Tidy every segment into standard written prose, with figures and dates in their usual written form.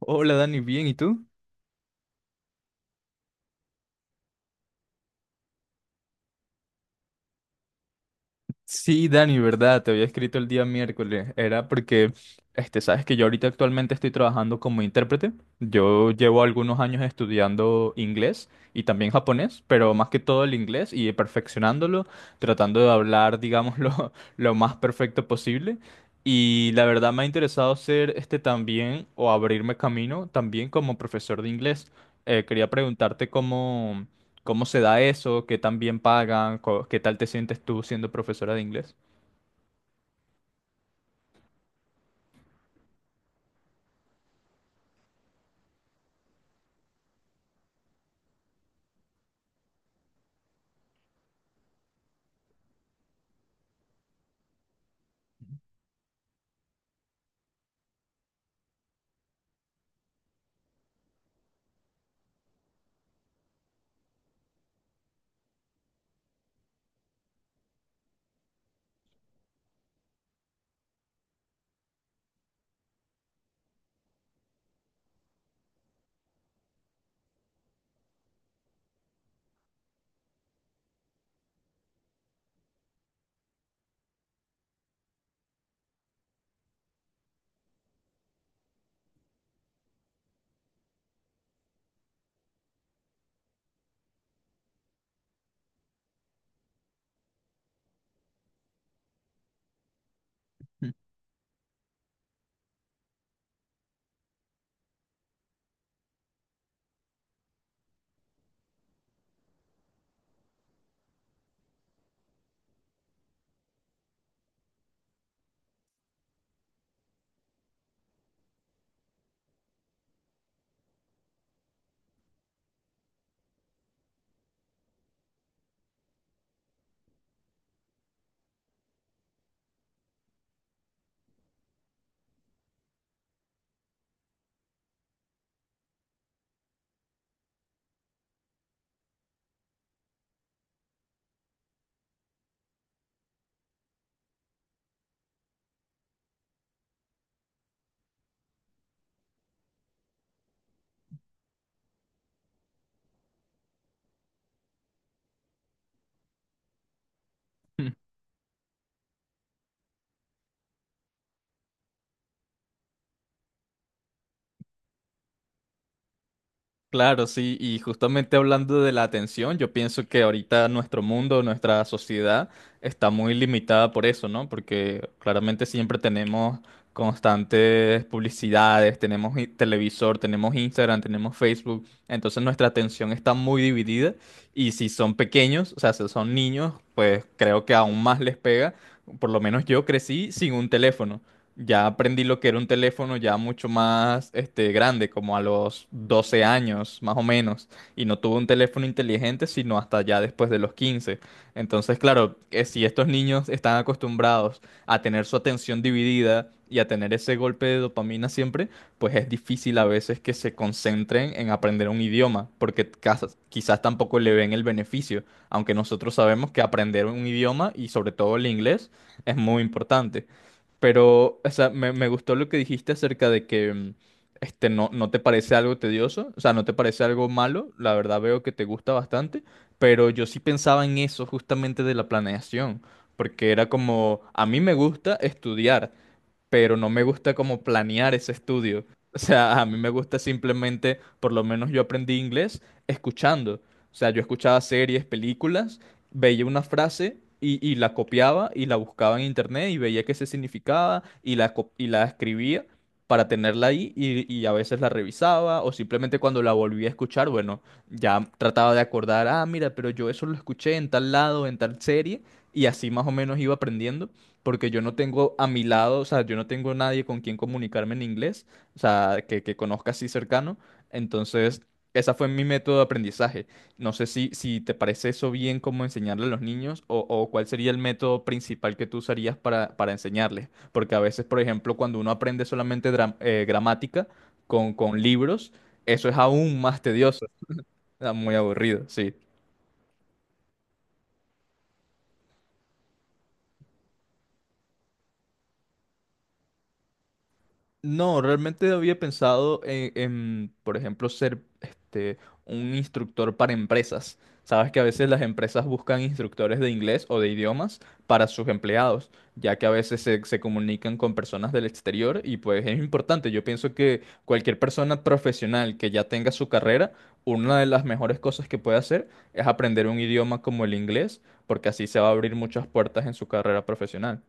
Hola Dani, bien, ¿y tú? Sí, Dani, verdad, te había escrito el día miércoles. Era porque, sabes que yo ahorita actualmente estoy trabajando como intérprete. Yo llevo algunos años estudiando inglés y también japonés, pero más que todo el inglés y perfeccionándolo, tratando de hablar, digamos, lo más perfecto posible. Y la verdad me ha interesado ser también o abrirme camino también como profesor de inglés. Quería preguntarte. ¿Cómo se da eso? ¿Qué tan bien pagan? ¿Qué tal te sientes tú siendo profesora de inglés? Mm, claro, sí, y justamente hablando de la atención, yo pienso que ahorita nuestro mundo, nuestra sociedad está muy limitada por eso, ¿no? Porque claramente siempre tenemos constantes publicidades, tenemos televisor, tenemos Instagram, tenemos Facebook, entonces nuestra atención está muy dividida y si son pequeños, o sea, si son niños, pues creo que aún más les pega. Por lo menos yo crecí sin un teléfono. Ya aprendí lo que era un teléfono ya mucho más grande, como a los 12 años más o menos, y no tuve un teléfono inteligente sino hasta ya después de los 15. Entonces, claro, que si estos niños están acostumbrados a tener su atención dividida y a tener ese golpe de dopamina siempre, pues es difícil a veces que se concentren en aprender un idioma, porque quizás tampoco le ven el beneficio, aunque nosotros sabemos que aprender un idioma y sobre todo el inglés es muy importante. Pero, o sea, me gustó lo que dijiste acerca de que no, no te parece algo tedioso, o sea, no te parece algo malo, la verdad veo que te gusta bastante, pero yo sí pensaba en eso justamente de la planeación, porque era como, a mí me gusta estudiar, pero no me gusta como planear ese estudio. O sea, a mí me gusta simplemente, por lo menos yo aprendí inglés escuchando. O sea, yo escuchaba series, películas, veía una frase y la copiaba y la buscaba en internet y veía qué se significaba y y la escribía para tenerla ahí y a veces la revisaba o simplemente cuando la volví a escuchar, bueno, ya trataba de acordar, ah, mira, pero yo eso lo escuché en tal lado, en tal serie y así más o menos iba aprendiendo porque yo no tengo a mi lado, o sea, yo no tengo nadie con quien comunicarme en inglés, o sea, que conozca así cercano. Entonces, esa fue mi método de aprendizaje. No sé si te parece eso bien como enseñarle a los niños o cuál sería el método principal que tú usarías para enseñarles. Porque a veces, por ejemplo, cuando uno aprende solamente gramática con libros, eso es aún más tedioso, ah, muy aburrido, sí. No, realmente había pensado en, por ejemplo, ser un instructor para empresas. Sabes que a veces las empresas buscan instructores de inglés o de idiomas para sus empleados, ya que a veces se comunican con personas del exterior y pues es importante. Yo pienso que cualquier persona profesional que ya tenga su carrera, una de las mejores cosas que puede hacer es aprender un idioma como el inglés, porque así se va a abrir muchas puertas en su carrera profesional.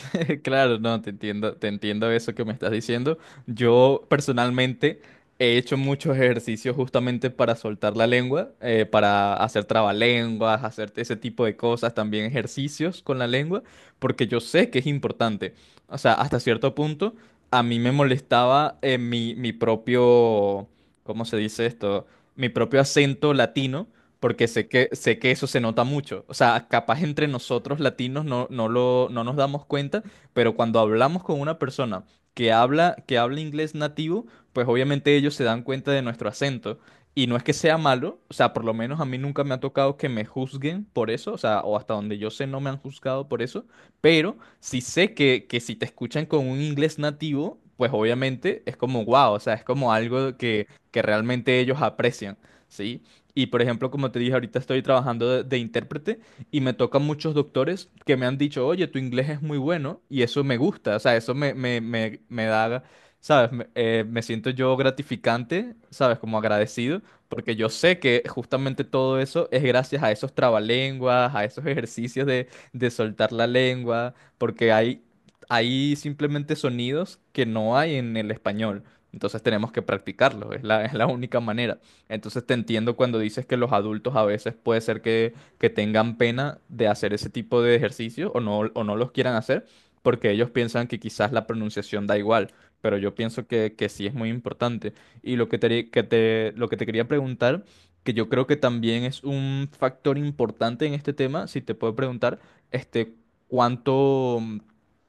Claro, no, te entiendo eso que me estás diciendo. Yo personalmente he hecho muchos ejercicios justamente para soltar la lengua, para hacer trabalenguas, hacer ese tipo de cosas, también ejercicios con la lengua, porque yo sé que es importante. O sea, hasta cierto punto a mí me molestaba mi propio, ¿cómo se dice esto? Mi propio acento latino porque sé que eso se nota mucho. O sea, capaz entre nosotros latinos no, no lo, no nos damos cuenta, pero cuando hablamos con una persona que habla inglés nativo, pues obviamente ellos se dan cuenta de nuestro acento. Y no es que sea malo, o sea, por lo menos a mí nunca me ha tocado que me juzguen por eso, o sea, o hasta donde yo sé no me han juzgado por eso, pero sí sé que si te escuchan con un inglés nativo, pues obviamente es como wow, o sea, es como algo que realmente ellos aprecian, ¿sí? Y por ejemplo, como te dije, ahorita estoy trabajando de intérprete y me tocan muchos doctores que me han dicho, oye, tu inglés es muy bueno y eso me gusta, o sea, eso me da, ¿sabes? Me siento yo gratificante, ¿sabes? Como agradecido, porque yo sé que justamente todo eso es gracias a esos trabalenguas, a esos ejercicios de soltar la lengua, porque hay simplemente sonidos que no hay en el español. Entonces tenemos que practicarlo, es la única manera. Entonces te entiendo cuando dices que los adultos a veces puede ser que tengan pena de hacer ese tipo de ejercicio o no los quieran hacer, porque ellos piensan que quizás la pronunciación da igual, pero yo pienso que sí es muy importante. Y lo que te quería preguntar, que yo creo que también es un factor importante en este tema, si te puedo preguntar, este, ¿cuánto,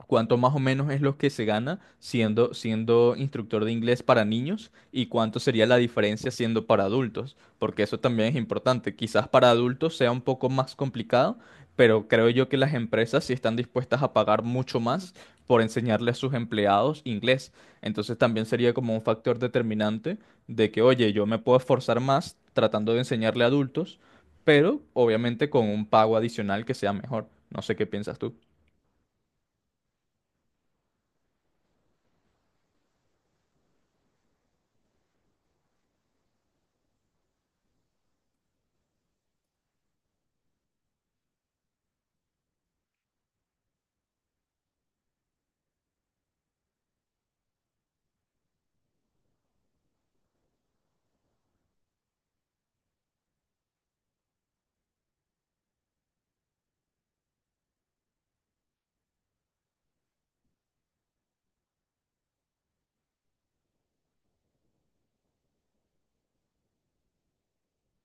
cuánto más o menos es lo que se gana siendo instructor de inglés para niños y cuánto sería la diferencia siendo para adultos? Porque eso también es importante. Quizás para adultos sea un poco más complicado, pero creo yo que las empresas sí están dispuestas a pagar mucho más por enseñarle a sus empleados inglés. Entonces también sería como un factor determinante de que, oye, yo me puedo esforzar más tratando de enseñarle a adultos, pero obviamente con un pago adicional que sea mejor. No sé qué piensas tú.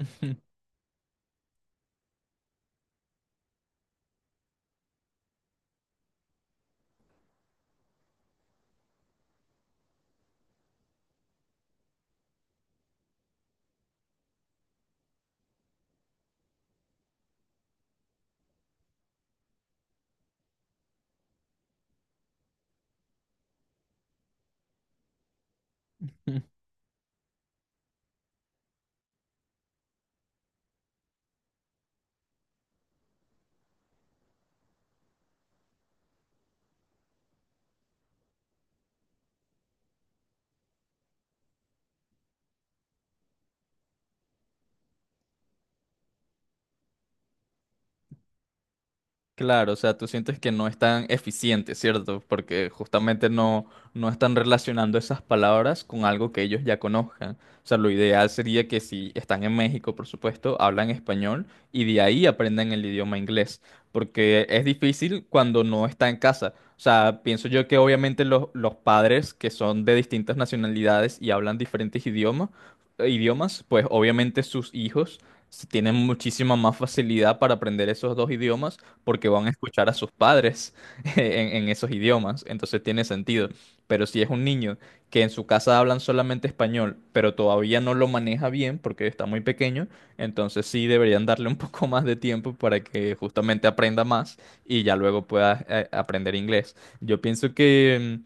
Claro, o sea, tú sientes que no es tan eficiente, ¿cierto? Porque justamente no, no están relacionando esas palabras con algo que ellos ya conozcan. O sea, lo ideal sería que si están en México, por supuesto, hablan español y de ahí aprendan el idioma inglés. Porque es difícil cuando no está en casa. O sea, pienso yo que obviamente los padres que son de distintas nacionalidades y hablan diferentes idiomas, pues obviamente sus hijos tienen muchísima más facilidad para aprender esos dos idiomas porque van a escuchar a sus padres en esos idiomas, entonces tiene sentido. Pero si es un niño que en su casa hablan solamente español, pero todavía no lo maneja bien porque está muy pequeño, entonces sí deberían darle un poco más de tiempo para que justamente aprenda más y ya luego pueda aprender inglés. Yo pienso que, mm,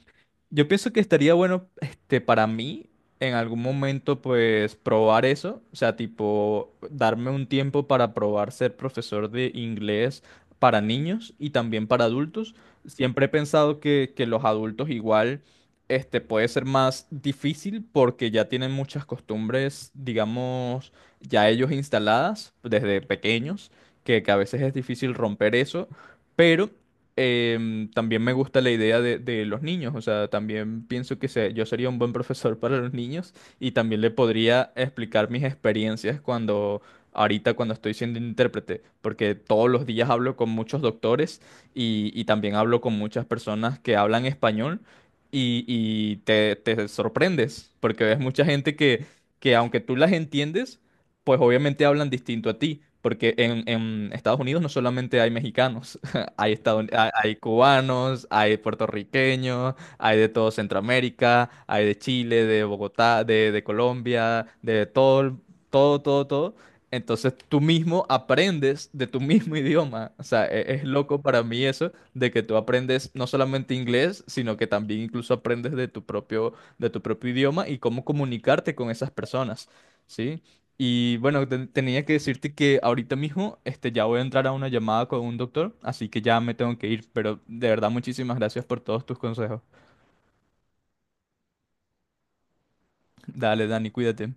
yo pienso que estaría bueno, para mí en algún momento pues probar eso, o sea, tipo darme un tiempo para probar ser profesor de inglés para niños y también para adultos. Siempre he pensado que los adultos igual puede ser más difícil porque ya tienen muchas costumbres, digamos, ya ellos instaladas desde pequeños, que a veces es difícil romper eso, pero también me gusta la idea de los niños, o sea, también pienso que yo sería un buen profesor para los niños y también le podría explicar mis experiencias cuando ahorita cuando estoy siendo intérprete, porque todos los días hablo con muchos doctores y también hablo con muchas personas que hablan español y te sorprendes, porque ves mucha gente que aunque tú las entiendes, pues obviamente hablan distinto a ti. Porque en Estados Unidos no solamente hay mexicanos, hay cubanos, hay puertorriqueños, hay de todo Centroamérica, hay de Chile, de Bogotá, de Colombia, de todo, todo, todo, todo. Entonces tú mismo aprendes de tu mismo idioma. O sea, es loco para mí eso de que tú aprendes no solamente inglés, sino que también incluso aprendes de tu propio idioma y cómo comunicarte con esas personas, ¿sí? Y bueno, tenía que decirte que ahorita mismo ya voy a entrar a una llamada con un doctor, así que ya me tengo que ir, pero de verdad muchísimas gracias por todos tus consejos. Dale, Dani, cuídate.